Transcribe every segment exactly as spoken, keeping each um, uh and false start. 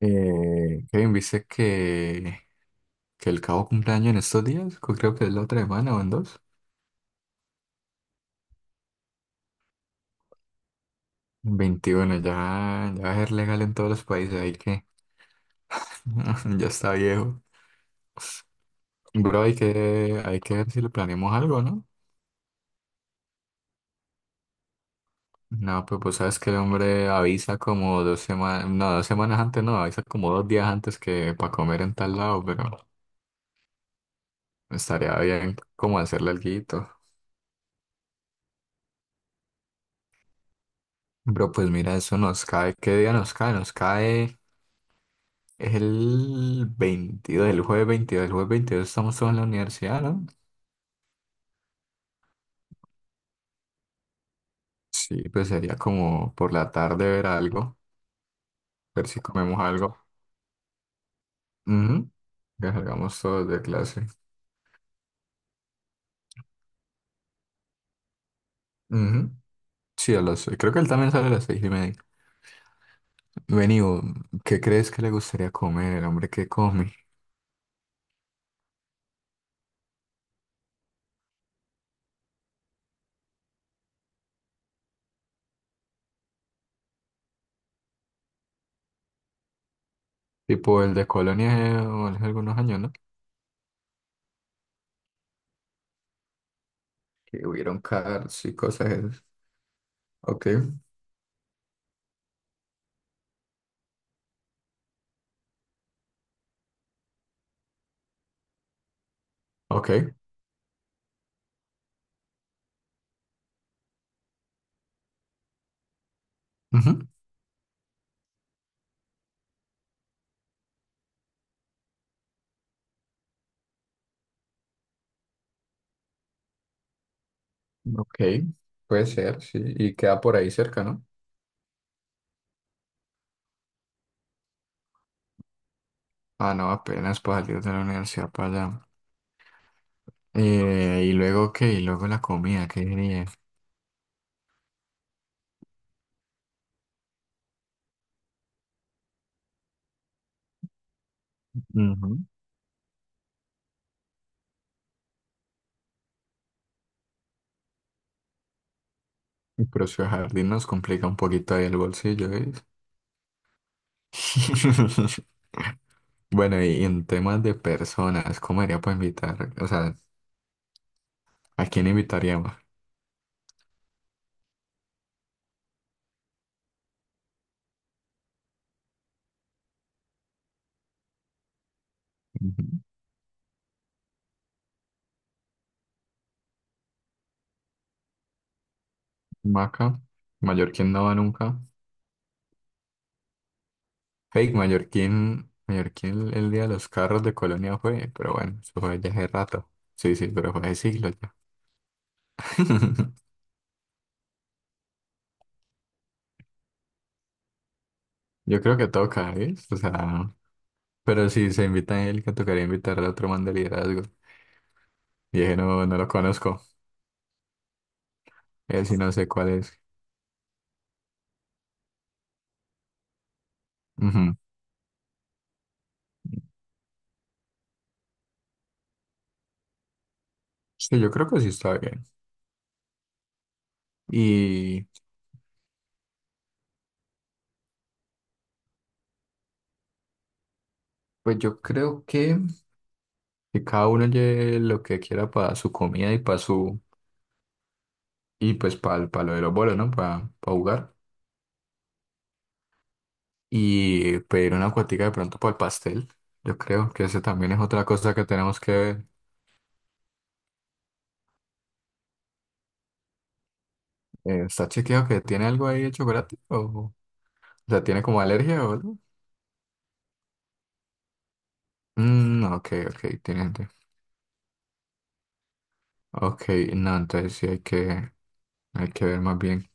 Eh, Kevin, ¿viste que, que el Cabo cumpleaños en estos días? Co- Creo que es la otra semana o en dos. Veintiuno ya, ya va a ser legal en todos los países, ahí que ya está viejo. Bro, hay que, hay que ver si le planeamos algo, ¿no? No, pues vos sabes que el hombre avisa como dos semanas, no, dos semanas antes, no, avisa como dos días antes que para comer en tal lado, pero estaría bien como hacerle alguito. Bro, pues mira, eso nos cae, ¿qué día nos cae? Nos cae. Es el veintidós, el jueves veintidós, el jueves veintidós estamos todos en la universidad, ¿no? Sí, pues sería como por la tarde ver algo, ver si comemos algo. Ujú. Que salgamos todos de clase. Ujú. Sí, a las seis. Creo que él también sale a las seis y media. Vení, vos, ¿qué crees que le gustaría comer el hombre que come? Tipo el de Colonia eh, o hace algunos años, ¿no? Que hubieron cars y cosas esas. Ok, ok. Ujú. Ok, puede ser, sí. Y queda por ahí cerca, ¿no? Ah, no, apenas para salir de la universidad para allá. Eh, y luego qué, y luego la comida, qué diría. Ujú. El precio de jardín nos complica un poquito ahí el bolsillo, ¿ves? Bueno, y en temas de personas, ¿cómo haría para invitar? O sea, ¿a quién invitaríamos? Ujú. Maca, Mallorquín no va nunca. Fake, Mallorquín, Mallorquín el día de los carros de Colonia fue, pero bueno, eso fue ya hace rato. Sí, sí, pero fue hace siglos ya. Yo creo que toca, ¿ves? O sea. Pero si se invita a Angélica, tocaría invitar al otro man de liderazgo. Y dije, no, no lo conozco. Él sí no sé cuál es. Ujú. Sí, yo creo que sí está bien. Y pues yo creo que, que cada uno lleve lo que quiera para su comida y para su, y pues para lo de los bolos, ¿no? Para jugar. Y pedir una cuatica de pronto para el pastel. Yo creo que ese también es otra cosa que tenemos que ver. Eh, ¿está chequeado que tiene algo ahí de chocolate? ¿O, o sea, tiene como alergia o algo? Mm, no, ok, ok, tiene. Ok, no, entonces sí hay que, hay que ver más bien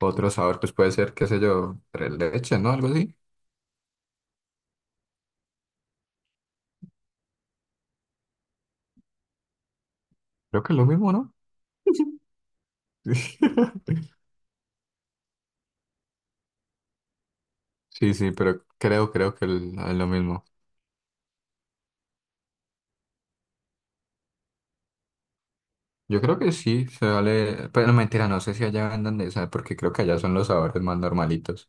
otro sabor, pues puede ser, qué sé yo, tres leche, ¿no? Algo así. Creo que es lo mismo, ¿no? Sí, sí, pero creo, creo que el- es lo mismo. Yo creo que sí, se vale, pero no, mentira, no sé si allá vendan de esa, porque creo que allá son los sabores más normalitos.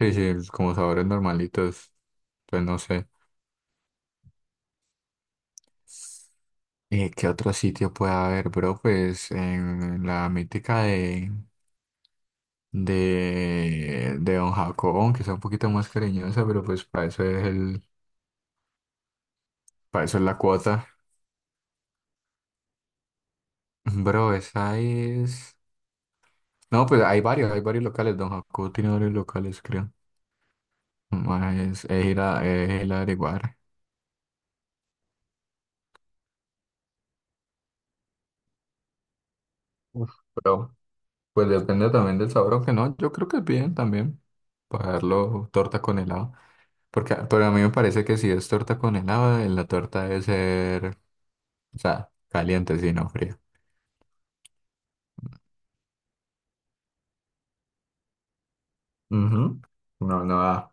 Sí, sí, es como sabores normalitos, pues no sé. Eh, ¿qué otro sitio puede haber, bro? Pues en la mítica de de, de Don Jacobón, que sea un poquito más cariñosa, pero pues para eso es el, para eso es la cuota. Bro, esa es. No, pues hay varios, hay varios locales. Don Jacobo tiene varios locales, creo. Más. Es, es ir a, es ir a averiguar. Uf, pero, pues depende también del sabor, aunque no, yo creo que es bien también. Pagarlo torta con helado. Porque, pero a mí me parece que si es torta con helado, eh, la torta debe ser, o sea, caliente, si no fría. Ujú. No, no da.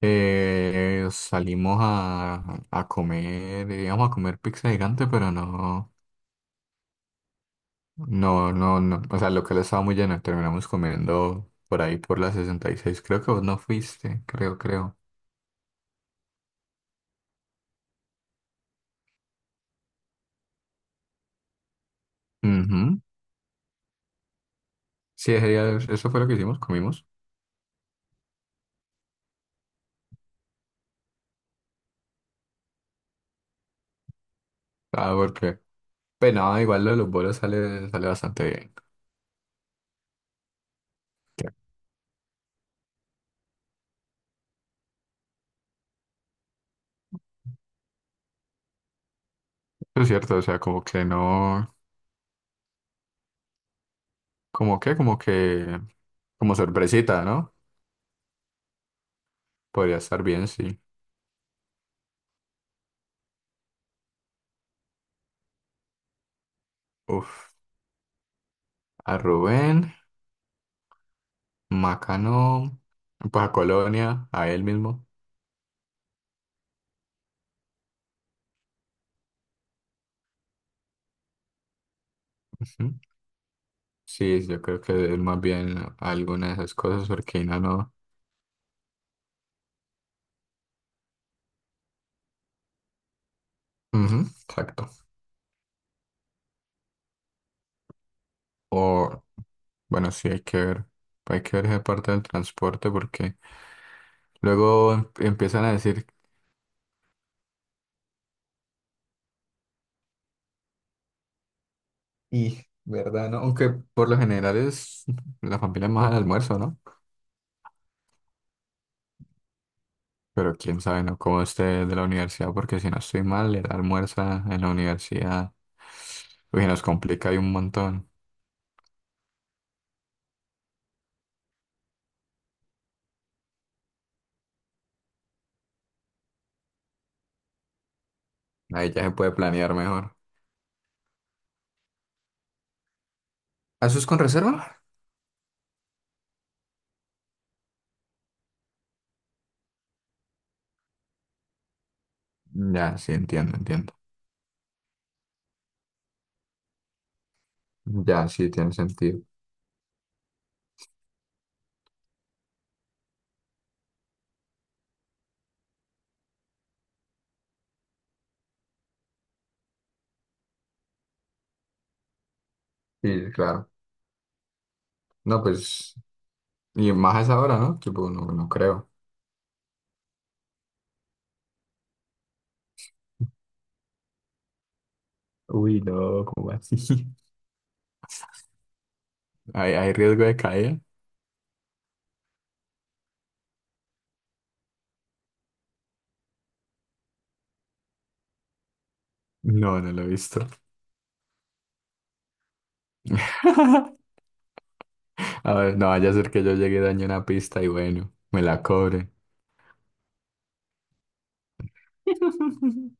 Eh, salimos a, a comer, íbamos a comer pizza gigante, pero no, no, no, no, o sea, lo que le estaba muy lleno, terminamos comiendo por ahí por la sesenta y seis, creo que vos no fuiste, creo, creo. Ujú. Sí, ese día- eso fue lo que hicimos, comimos. Ah, porque, pero no, igual lo de los bolos sale, sale bastante bien. Es cierto, o sea, como que no, como que, como que, como sorpresita, ¿no? Podría estar bien, sí. Uf, a Rubén. Macano, pues a Colonia, a él mismo. Ujú. Sí, yo creo que es más bien alguna de esas cosas, porque no, no. Ujú, exacto. O, bueno, sí, hay que ver. Hay que ver esa parte del transporte, porque luego em- empiezan a decir, y, ¿verdad? ¿No? Aunque por lo general es la familia más al almuerzo, ¿no? Pero quién sabe, ¿no? Cómo esté de la universidad, porque si no estoy mal, el almuerzo en la universidad, uy, nos complica ahí un montón. Ahí ya se puede planear mejor. ¿Ah, eso es con reserva? Ya, sí, entiendo, entiendo. Ya, sí, tiene sentido. Sí, claro. No, pues, y más a esa hora, ¿no? Tipo, no, no creo. Uy, no, ¿cómo así? ¿Hay, hay riesgo de caída? No, no lo he visto. A ver, no vaya a ser que yo llegue y dañe una pista y bueno, me la cobre.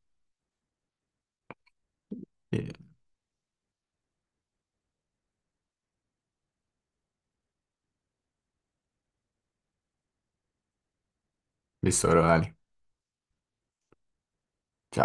Listo, bro, dale. Chao.